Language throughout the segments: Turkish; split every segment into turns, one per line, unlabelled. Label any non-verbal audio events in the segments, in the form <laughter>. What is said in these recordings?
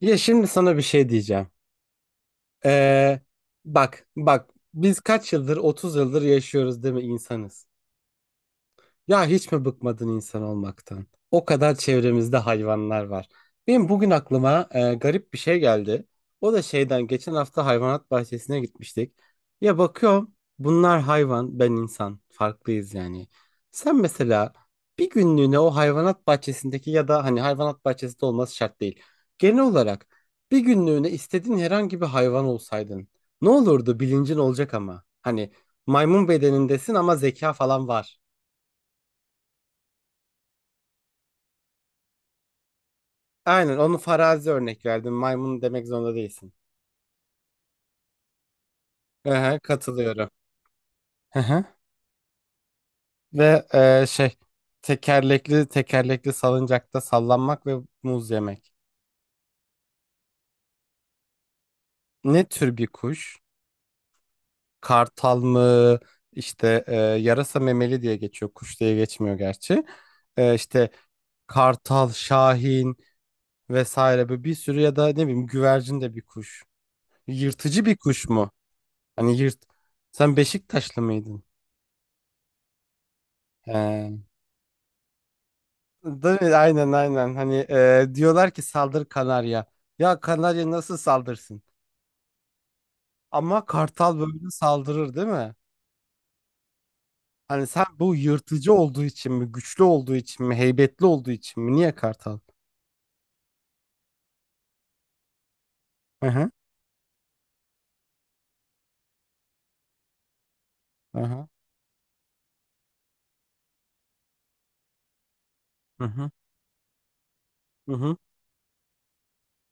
Ya şimdi sana bir şey diyeceğim. Ee, bak bak biz kaç yıldır 30 yıldır yaşıyoruz değil mi insanız? Ya hiç mi bıkmadın insan olmaktan? O kadar çevremizde hayvanlar var. Benim bugün aklıma garip bir şey geldi. O da şeyden geçen hafta hayvanat bahçesine gitmiştik. Ya bakıyorum bunlar hayvan, ben insan. Farklıyız yani. Sen mesela bir günlüğüne o hayvanat bahçesindeki ya da hani hayvanat bahçesinde olması şart değil. Genel olarak bir günlüğüne istediğin herhangi bir hayvan olsaydın ne olurdu bilincin olacak ama. Hani maymun bedenindesin ama zeka falan var. Aynen onu farazi örnek verdim. Maymun demek zorunda değilsin. Aha, katılıyorum. Aha. Ve şey tekerlekli tekerlekli salıncakta sallanmak ve muz yemek. Ne tür bir kuş? Kartal mı? İşte yarasa memeli diye geçiyor. Kuş diye geçmiyor gerçi. İşte kartal, şahin vesaire böyle bir sürü ya da ne bileyim güvercin de bir kuş. Yırtıcı bir kuş mu? Hani yırt. Sen Beşiktaşlı mıydın? He. Değil mi? Aynen aynen. Hani diyorlar ki saldır kanarya. Ya kanarya nasıl saldırsın? Ama kartal böyle saldırır değil mi? Hani sen bu yırtıcı olduğu için mi, güçlü olduğu için mi, heybetli olduğu için mi? Niye kartal? Hı hı. Hı hı. Hı hı. Hı hı.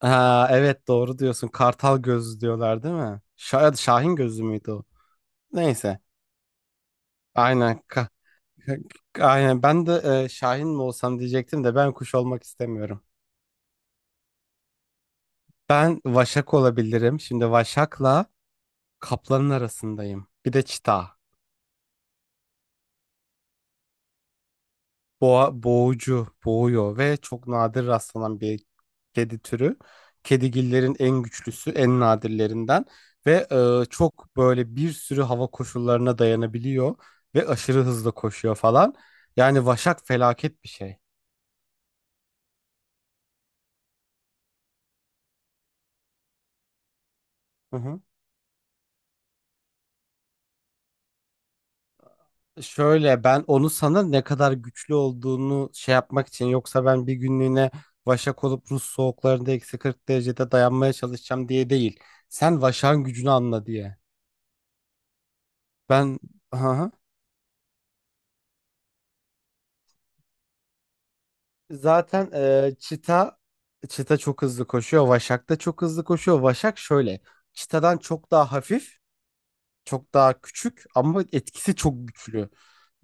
Ha, evet doğru diyorsun. Kartal gözü diyorlar değil mi? Şahin gözü müydü o? Neyse. Aynen. Aynen. Ben de Şahin mi olsam diyecektim de ben kuş olmak istemiyorum. Ben vaşak olabilirim. Şimdi vaşakla kaplanın arasındayım. Bir de çita. Boğa, boğucu, boğuyor ve çok nadir rastlanan bir kedi türü. Kedigillerin en güçlüsü, en nadirlerinden ve çok böyle bir sürü hava koşullarına dayanabiliyor ve aşırı hızlı koşuyor falan. Yani vaşak felaket bir şey. Hı hı. Şöyle ben onu sana ne kadar güçlü olduğunu şey yapmak için, yoksa ben bir günlüğüne vaşak olup Rus soğuklarında eksi 40 derecede dayanmaya çalışacağım diye değil. Sen vaşağın gücünü anla diye. Ben. Aha. Zaten çita çok hızlı koşuyor. Vaşak da çok hızlı koşuyor. Vaşak şöyle çitadan çok daha hafif, çok daha küçük ama etkisi çok güçlü.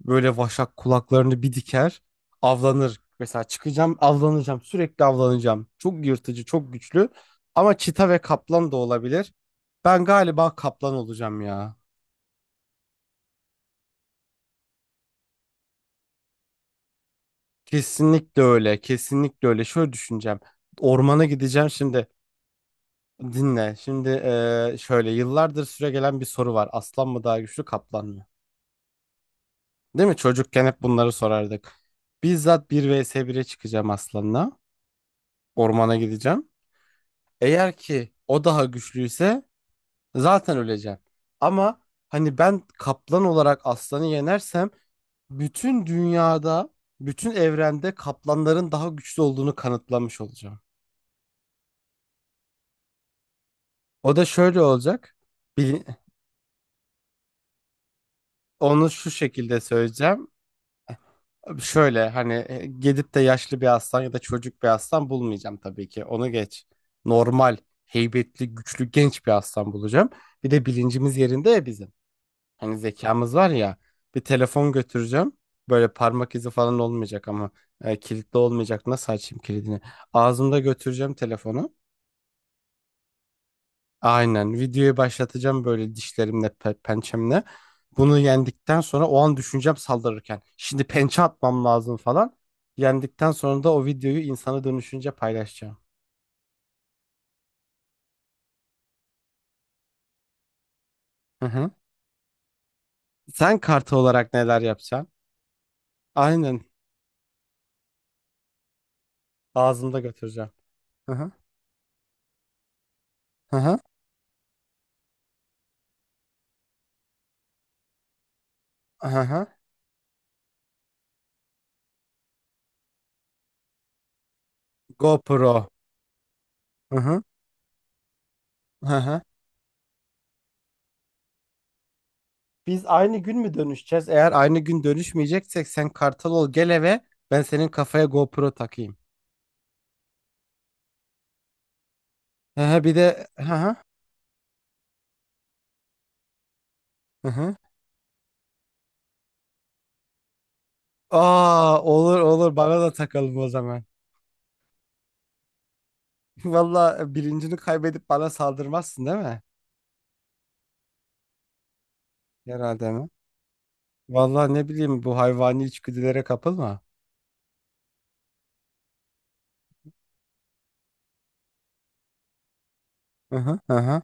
Böyle vaşak kulaklarını bir diker, avlanır. Mesela çıkacağım, avlanacağım, sürekli avlanacağım. Çok yırtıcı, çok güçlü. Ama çita ve kaplan da olabilir. Ben galiba kaplan olacağım ya. Kesinlikle öyle, kesinlikle öyle. Şöyle düşüneceğim. Ormana gideceğim şimdi. Dinle. Şimdi şöyle yıllardır süregelen bir soru var. Aslan mı daha güçlü, kaplan mı? Değil mi? Çocukken hep bunları sorardık. Bizzat bir vs 1'e çıkacağım aslanla. Ormana gideceğim. Eğer ki o daha güçlüyse zaten öleceğim. Ama hani ben kaplan olarak aslanı yenersem bütün dünyada, bütün evrende kaplanların daha güçlü olduğunu kanıtlamış olacağım. O da şöyle olacak. Bil- Onu şu şekilde söyleyeceğim. Şöyle hani gidip de yaşlı bir aslan ya da çocuk bir aslan bulmayacağım tabii ki. Onu geç. Normal, heybetli, güçlü, genç bir aslan bulacağım. Bir de bilincimiz yerinde ya bizim. Hani zekamız var ya, bir telefon götüreceğim. Böyle parmak izi falan olmayacak ama kilitli olmayacak. Nasıl açayım kilidini? Ağzımda götüreceğim telefonu. Aynen videoyu başlatacağım böyle dişlerimle pençemle. Bunu yendikten sonra o an düşüneceğim saldırırken. Şimdi pençe atmam lazım falan. Yendikten sonra da o videoyu insana dönüşünce paylaşacağım. Hı hı. Sen kartı olarak neler yapacaksın? Aynen ağzımda götüreceğim. Hı hı. Hı hı. Hı hı. GoPro. Hı hı. Hı hı. Biz aynı gün mü dönüşeceğiz? Eğer aynı gün dönüşmeyeceksek sen kartal ol gel eve. Ben senin kafaya GoPro takayım. Hı hı, bir de hı hı, hı hı. Aa, olur olur, bana da takalım o zaman. <laughs> Valla bilincini kaybedip bana saldırmazsın değil mi? Herhalde mi? Valla ne bileyim, bu hayvani içgüdülere kapılma. Hı hı, hı hı,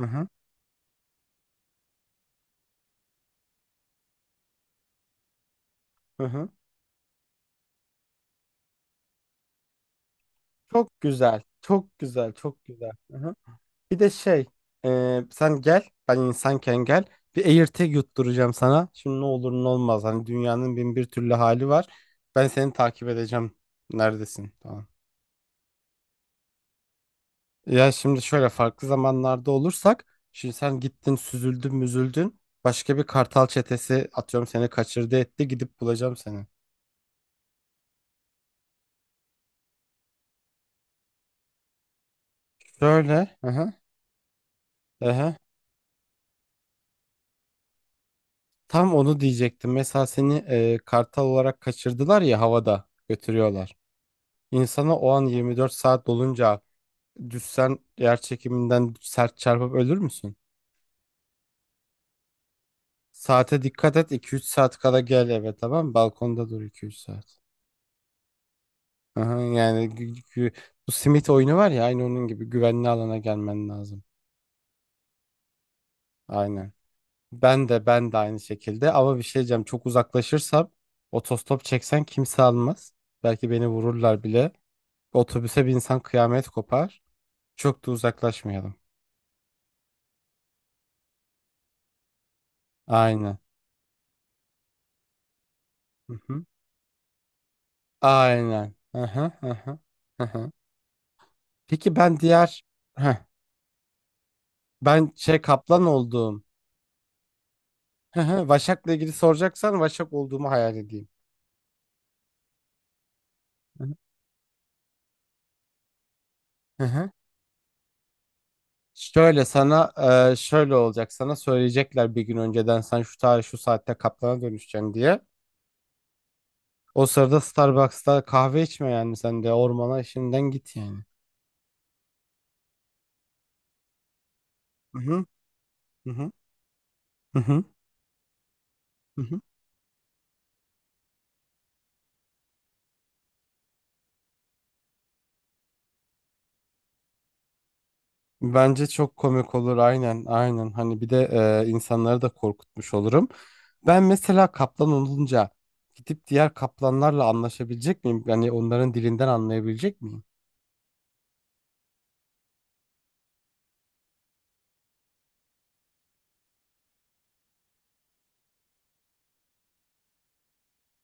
hı hı, hı hı. Çok güzel. Çok güzel. Çok güzel. Hı hı. Bir de şey, sen gel, ben insanken gel. Bir AirTag yutturacağım sana. Şimdi ne olur ne olmaz. Hani dünyanın bin bir türlü hali var. Ben seni takip edeceğim. Neredesin? Tamam. Ya şimdi şöyle farklı zamanlarda olursak, şimdi sen gittin, süzüldün, müzüldün. Başka bir kartal çetesi atıyorum seni kaçırdı etti. Gidip bulacağım seni. Şöyle, hı hı, hı hı. Tam onu diyecektim. Mesela seni kartal olarak kaçırdılar ya, havada götürüyorlar. İnsana o an 24 saat dolunca düşsen yer çekiminden sert çarpıp ölür müsün? Saate dikkat et, iki üç saat kala gel eve, tamam mı? Balkonda dur iki üç saat. Aha, yani bu simit oyunu var ya, aynı onun gibi güvenli alana gelmen lazım. Aynen. Ben de aynı şekilde, ama bir şey diyeceğim, çok uzaklaşırsam otostop çeksen kimse almaz. Belki beni vururlar bile. Otobüse bir insan, kıyamet kopar. Çok da uzaklaşmayalım. Aynen. Hı hı. Aynen. Aha, aha. Aha. Peki ben diğer. Heh, ben şey kaplan olduğum. Hı hı, Vaşak'la ilgili soracaksan Vaşak olduğumu hayal edeyim. Hı hı. Hı hı. Şöyle sana şöyle olacak, sana söyleyecekler bir gün önceden sen şu tarih şu saatte kaplana dönüşeceksin diye. O sırada Starbucks'ta kahve içme yani, sen de ormana işinden git yani. Hı hı. Hı hı. Hı hı. Hı hı. Bence çok komik olur aynen aynen, hani bir de insanları da korkutmuş olurum. Ben mesela kaplan olunca gidip diğer kaplanlarla anlaşabilecek miyim? Yani onların dilinden anlayabilecek miyim?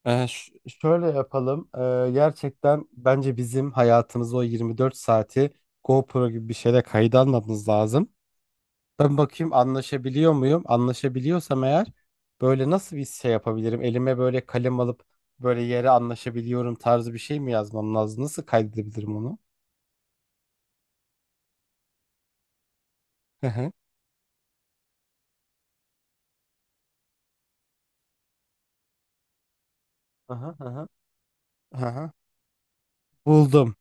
Şöyle yapalım. Gerçekten bence bizim hayatımızı, o 24 saati GoPro gibi bir şeyle kayıt almamız lazım. Ben bakayım anlaşabiliyor muyum? Anlaşabiliyorsam eğer böyle nasıl bir şey yapabilirim? Elime böyle kalem alıp böyle yere "anlaşabiliyorum" tarzı bir şey mi yazmam lazım? Nasıl kaydedebilirim onu? Hı hı. Aha, aha, aha. Buldum,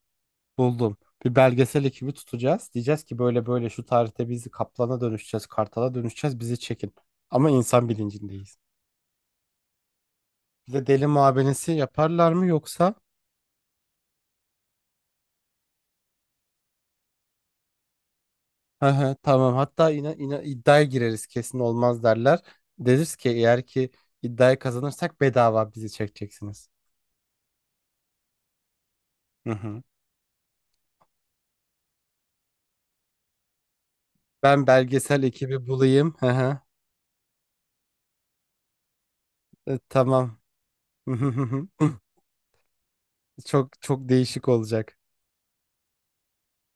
buldum. Bir belgesel ekibi tutacağız. Diyeceğiz ki böyle böyle şu tarihte bizi, kaplana dönüşeceğiz, kartala dönüşeceğiz, bizi çekin. Ama insan bilincindeyiz. Bir de deli muavenesi yaparlar mı yoksa? Hı hı, tamam. Hatta yine iddiaya gireriz, kesin olmaz derler. Deriz ki eğer ki iddiayı kazanırsak bedava bizi çekeceksiniz. Hı hı. Ben belgesel ekibi bulayım. Hı hı. Tamam. <laughs> Çok çok değişik olacak.